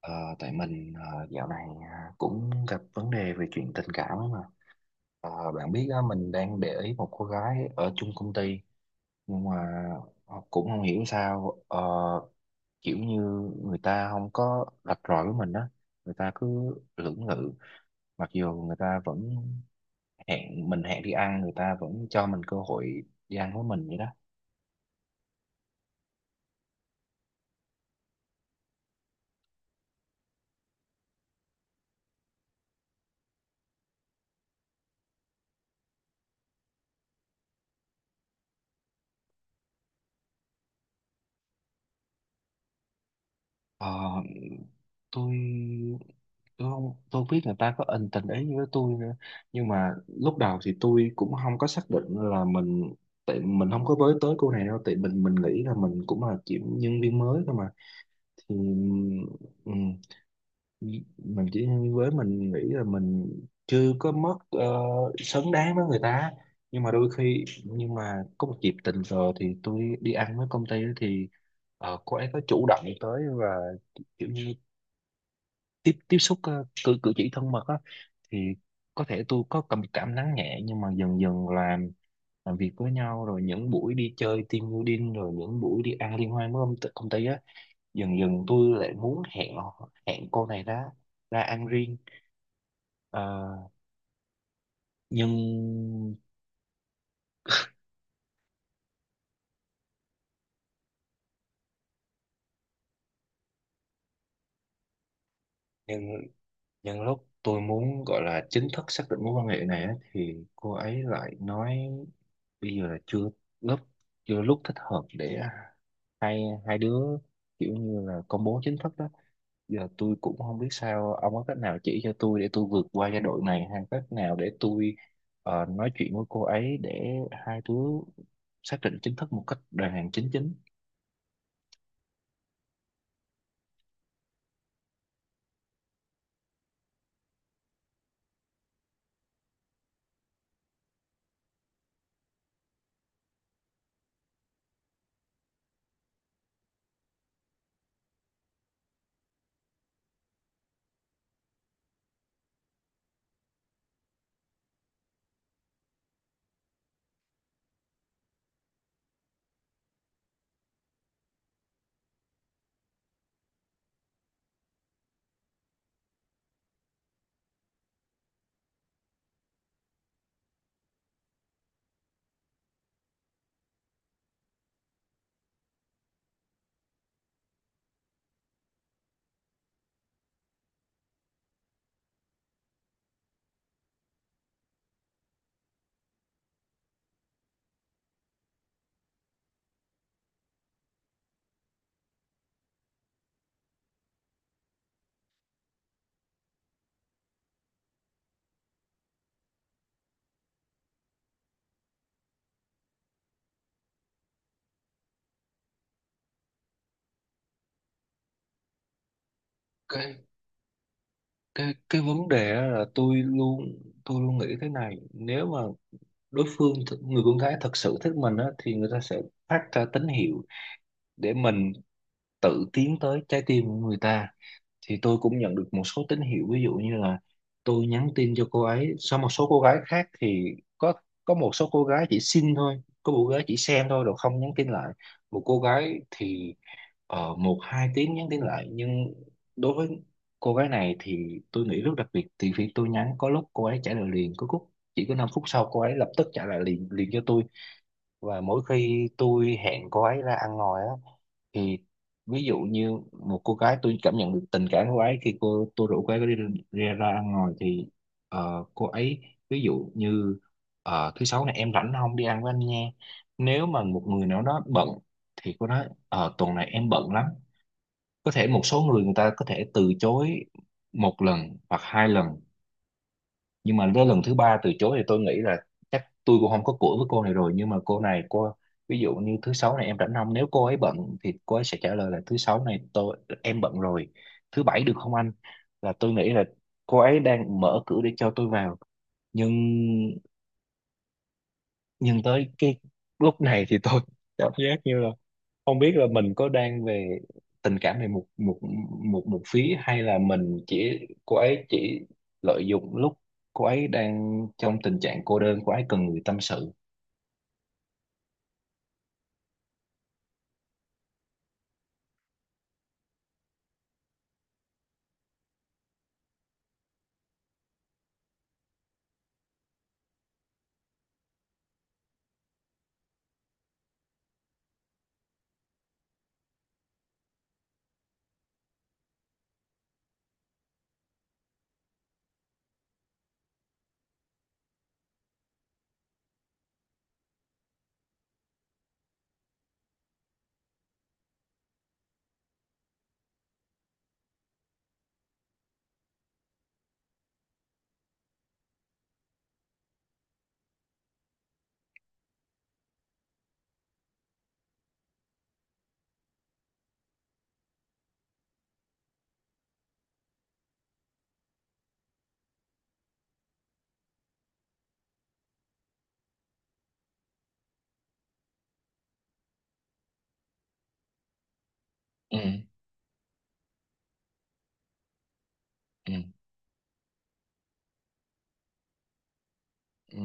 Ờ, Tại mình, dạo này, cũng gặp vấn đề về chuyện tình cảm ấy mà. Bạn biết á, mình đang để ý một cô gái ở chung công ty, nhưng mà cũng không hiểu sao, kiểu như người ta không có rạch ròi với mình á. Người ta cứ lưỡng lự, mặc dù người ta vẫn hẹn mình, hẹn đi ăn, người ta vẫn cho mình cơ hội đi ăn với mình vậy đó. Ờ, tôi tôi không biết người ta có ân tình ý với tôi nữa, nhưng mà lúc đầu thì tôi cũng không có xác định là mình, tại mình không có với tới cô này đâu, tại mình nghĩ là mình cũng là chỉ nhân viên mới thôi mà. Thì ừm, mình chỉ nhân viên mới, mình nghĩ là mình chưa có mất xứng đáng với người ta. Nhưng mà đôi khi, nhưng mà có một dịp tình cờ thì tôi đi ăn với công ty ấy, thì cô ấy có chủ động tới và kiểu như tiếp tiếp xúc, cử cử chỉ thân mật á. Thì có thể tôi có cảm cảm nắng nhẹ, nhưng mà dần dần làm việc với nhau, rồi những buổi đi chơi team building, rồi những buổi đi ăn liên hoan với công ty á. Dần dần tôi lại muốn hẹn cô này, ra ra ăn riêng. Ờ, nhưng nhưng nhưng lúc tôi muốn gọi là chính thức xác định mối quan hệ này á, thì cô ấy lại nói bây giờ là chưa, lúc lúc thích hợp để hai hai đứa kiểu như là công bố chính thức đó. Giờ tôi cũng không biết sao, ông có cách nào chỉ cho tôi để tôi vượt qua giai đoạn này, hay cách nào để tôi nói chuyện với cô ấy để hai đứa xác định chính thức một cách đàng hoàng chính chính. Cái cái cái vấn đề á là tôi luôn nghĩ thế này: nếu mà đối phương người con gái thật sự thích mình á, thì người ta sẽ phát ra tín hiệu để mình tự tiến tới trái tim của người ta. Thì tôi cũng nhận được một số tín hiệu, ví dụ như là tôi nhắn tin cho cô ấy sau. Một số cô gái khác thì có, một số cô gái chỉ xin thôi, có một cô gái chỉ xem thôi rồi không nhắn tin lại, một cô gái thì một hai tiếng nhắn tin lại. Nhưng đối với cô gái này thì tôi nghĩ rất đặc biệt, thì khi tôi nhắn có lúc cô ấy trả lời liền, có lúc chỉ có 5 phút sau cô ấy lập tức trả lời liền liền cho tôi. Và mỗi khi tôi hẹn cô ấy ra ăn ngoài á, thì ví dụ như một cô gái tôi cảm nhận được tình cảm của cô ấy khi tôi rủ cô ấy đi, ra ăn ngoài thì cô ấy ví dụ như: "Thứ sáu này em rảnh không, đi ăn với anh nha?" Nếu mà một người nào đó bận thì cô nói: "Ờ, tuần này em bận lắm." Có thể một số người người ta có thể từ chối một lần hoặc hai lần, nhưng mà đến lần thứ ba từ chối thì tôi nghĩ là chắc tôi cũng không có cửa với cô này rồi. Nhưng mà cô này ví dụ như: "Thứ sáu này em rảnh không?" Nếu cô ấy bận thì cô ấy sẽ trả lời là: "Thứ sáu này em bận rồi, thứ bảy được không anh?" Là tôi nghĩ là cô ấy đang mở cửa để cho tôi vào. Nhưng nhưng tới cái lúc này thì tôi cảm giác như là không biết là mình có đang về tình cảm về một một một một phía, hay là mình chỉ cô ấy chỉ lợi dụng lúc cô ấy đang trong tình trạng cô đơn, cô ấy cần người tâm sự. Ừ. Ừ. Ừ.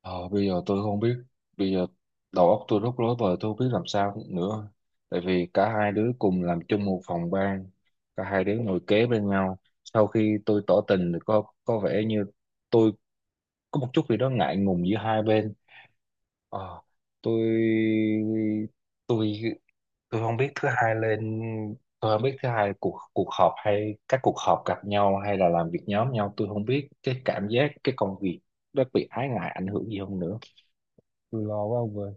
ờ, Bây giờ tôi không biết, bây giờ đầu óc tôi rất rối bời, tôi không biết làm sao nữa. Tại vì cả hai đứa cùng làm chung một phòng ban, cả hai đứa ngồi kế bên nhau, sau khi tôi tỏ tình thì có vẻ như tôi có một chút gì đó ngại ngùng giữa hai bên. Ờ, tôi tôi tôi không biết thứ hai lên, tôi không biết thứ hai cuộc cuộc họp hay các cuộc họp gặp nhau hay là làm việc nhóm nhau, tôi không biết cái cảm giác cái công việc nó bị ái ngại ảnh hưởng gì không nữa. Tôi lo quá ông ơi.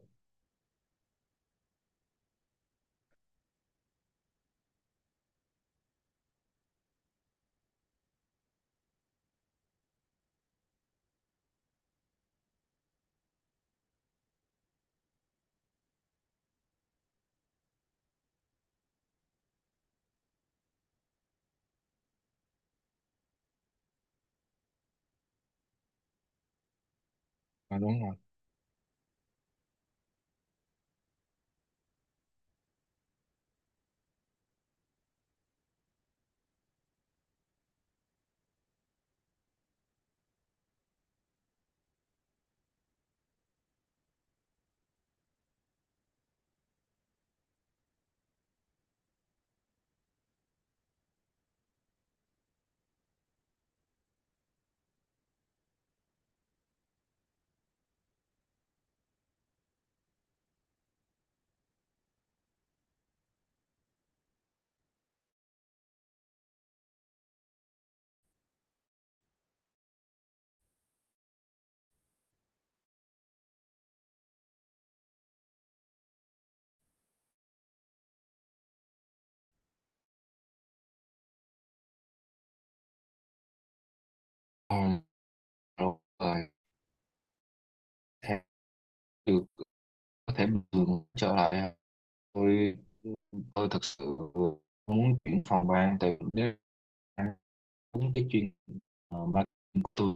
À, đúng rồi. À, rồi theo được, có thể bình thường trở lại à. tôi tôi thực sự muốn chuyển phòng ban, tại vì nếu đúng cái chuyên marketing của tôi,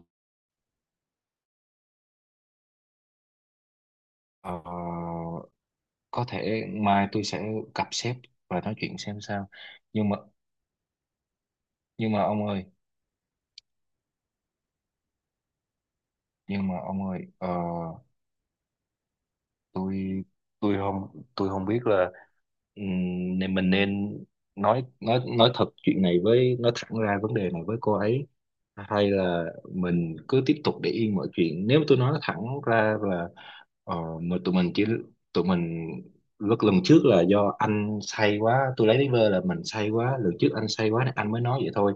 ờ, có thể mai tôi sẽ gặp sếp và nói chuyện xem sao. Nhưng mà nhưng mà ông ơi, nhưng mà ông ơi, tôi tôi không không biết là nên mình nên nói thật chuyện này với, nói thẳng ra vấn đề này với cô ấy, hay là mình cứ tiếp tục để yên mọi chuyện. Nếu tôi nói thẳng ra là ờ, mà tụi mình chỉ, tụi mình lúc lần trước là do anh say quá, tôi lấy lý vơ là mình say quá, lần trước anh say quá nên anh mới nói vậy thôi.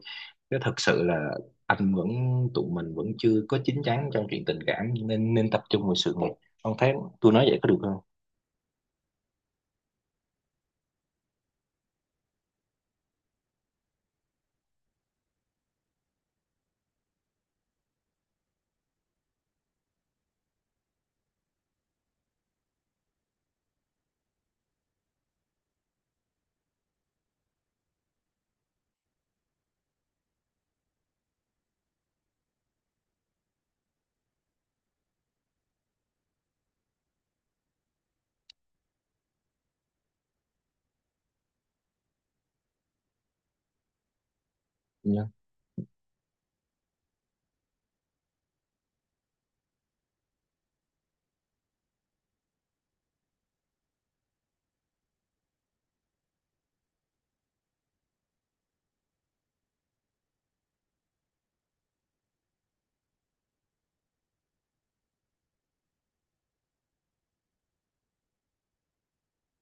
Chứ thật sự là anh vẫn tụi mình vẫn chưa có chín chắn trong chuyện tình cảm, nên nên tập trung vào sự nghiệp. Ông thấy tôi nói vậy có được không? Dạ.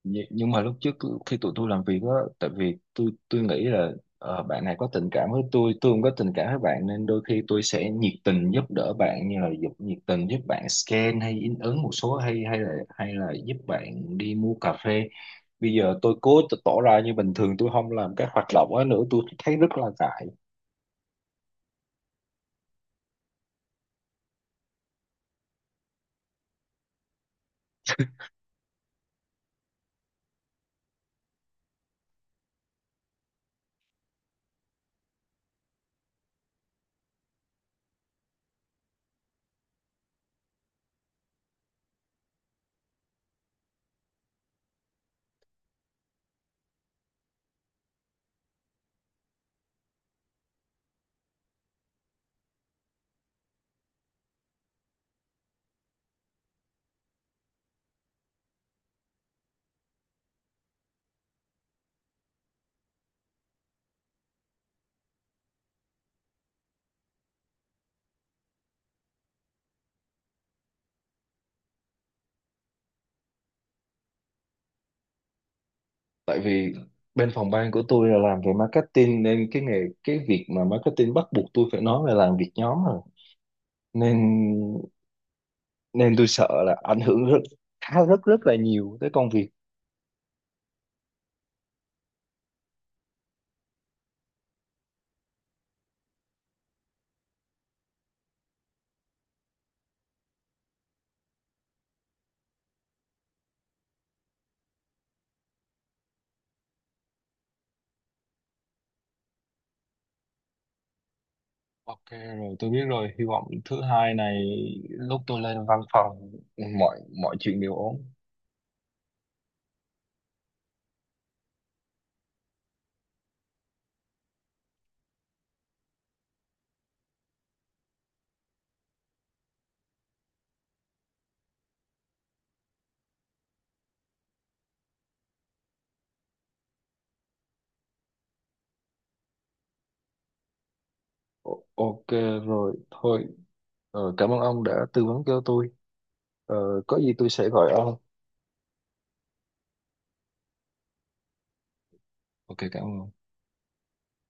Nhưng mà lúc trước khi tụi tôi làm việc á, tại vì tôi nghĩ là bạn này có tình cảm với tôi không có tình cảm với bạn, nên đôi khi tôi sẽ nhiệt tình giúp đỡ bạn, như là giúp nhiệt tình giúp bạn scan hay in ấn một số, hay hay là giúp bạn đi mua cà phê. Bây giờ tôi cố tỏ ra như bình thường, tôi không làm các hoạt động ấy nữa, tôi thấy rất là ngại. Tại vì bên phòng ban của tôi là làm về marketing, nên cái việc mà marketing bắt buộc tôi phải nói là làm việc nhóm rồi, nên nên tôi sợ là ảnh hưởng rất khá rất rất là nhiều tới công việc. Ok, rồi tôi biết rồi. Hy vọng thứ hai này lúc tôi lên văn phòng, mọi mọi chuyện đều ổn. Ok, rồi thôi. Cảm ơn ông đã tư vấn cho tôi. ờ, có gì tôi sẽ gọi ông. Ok, cảm ơn.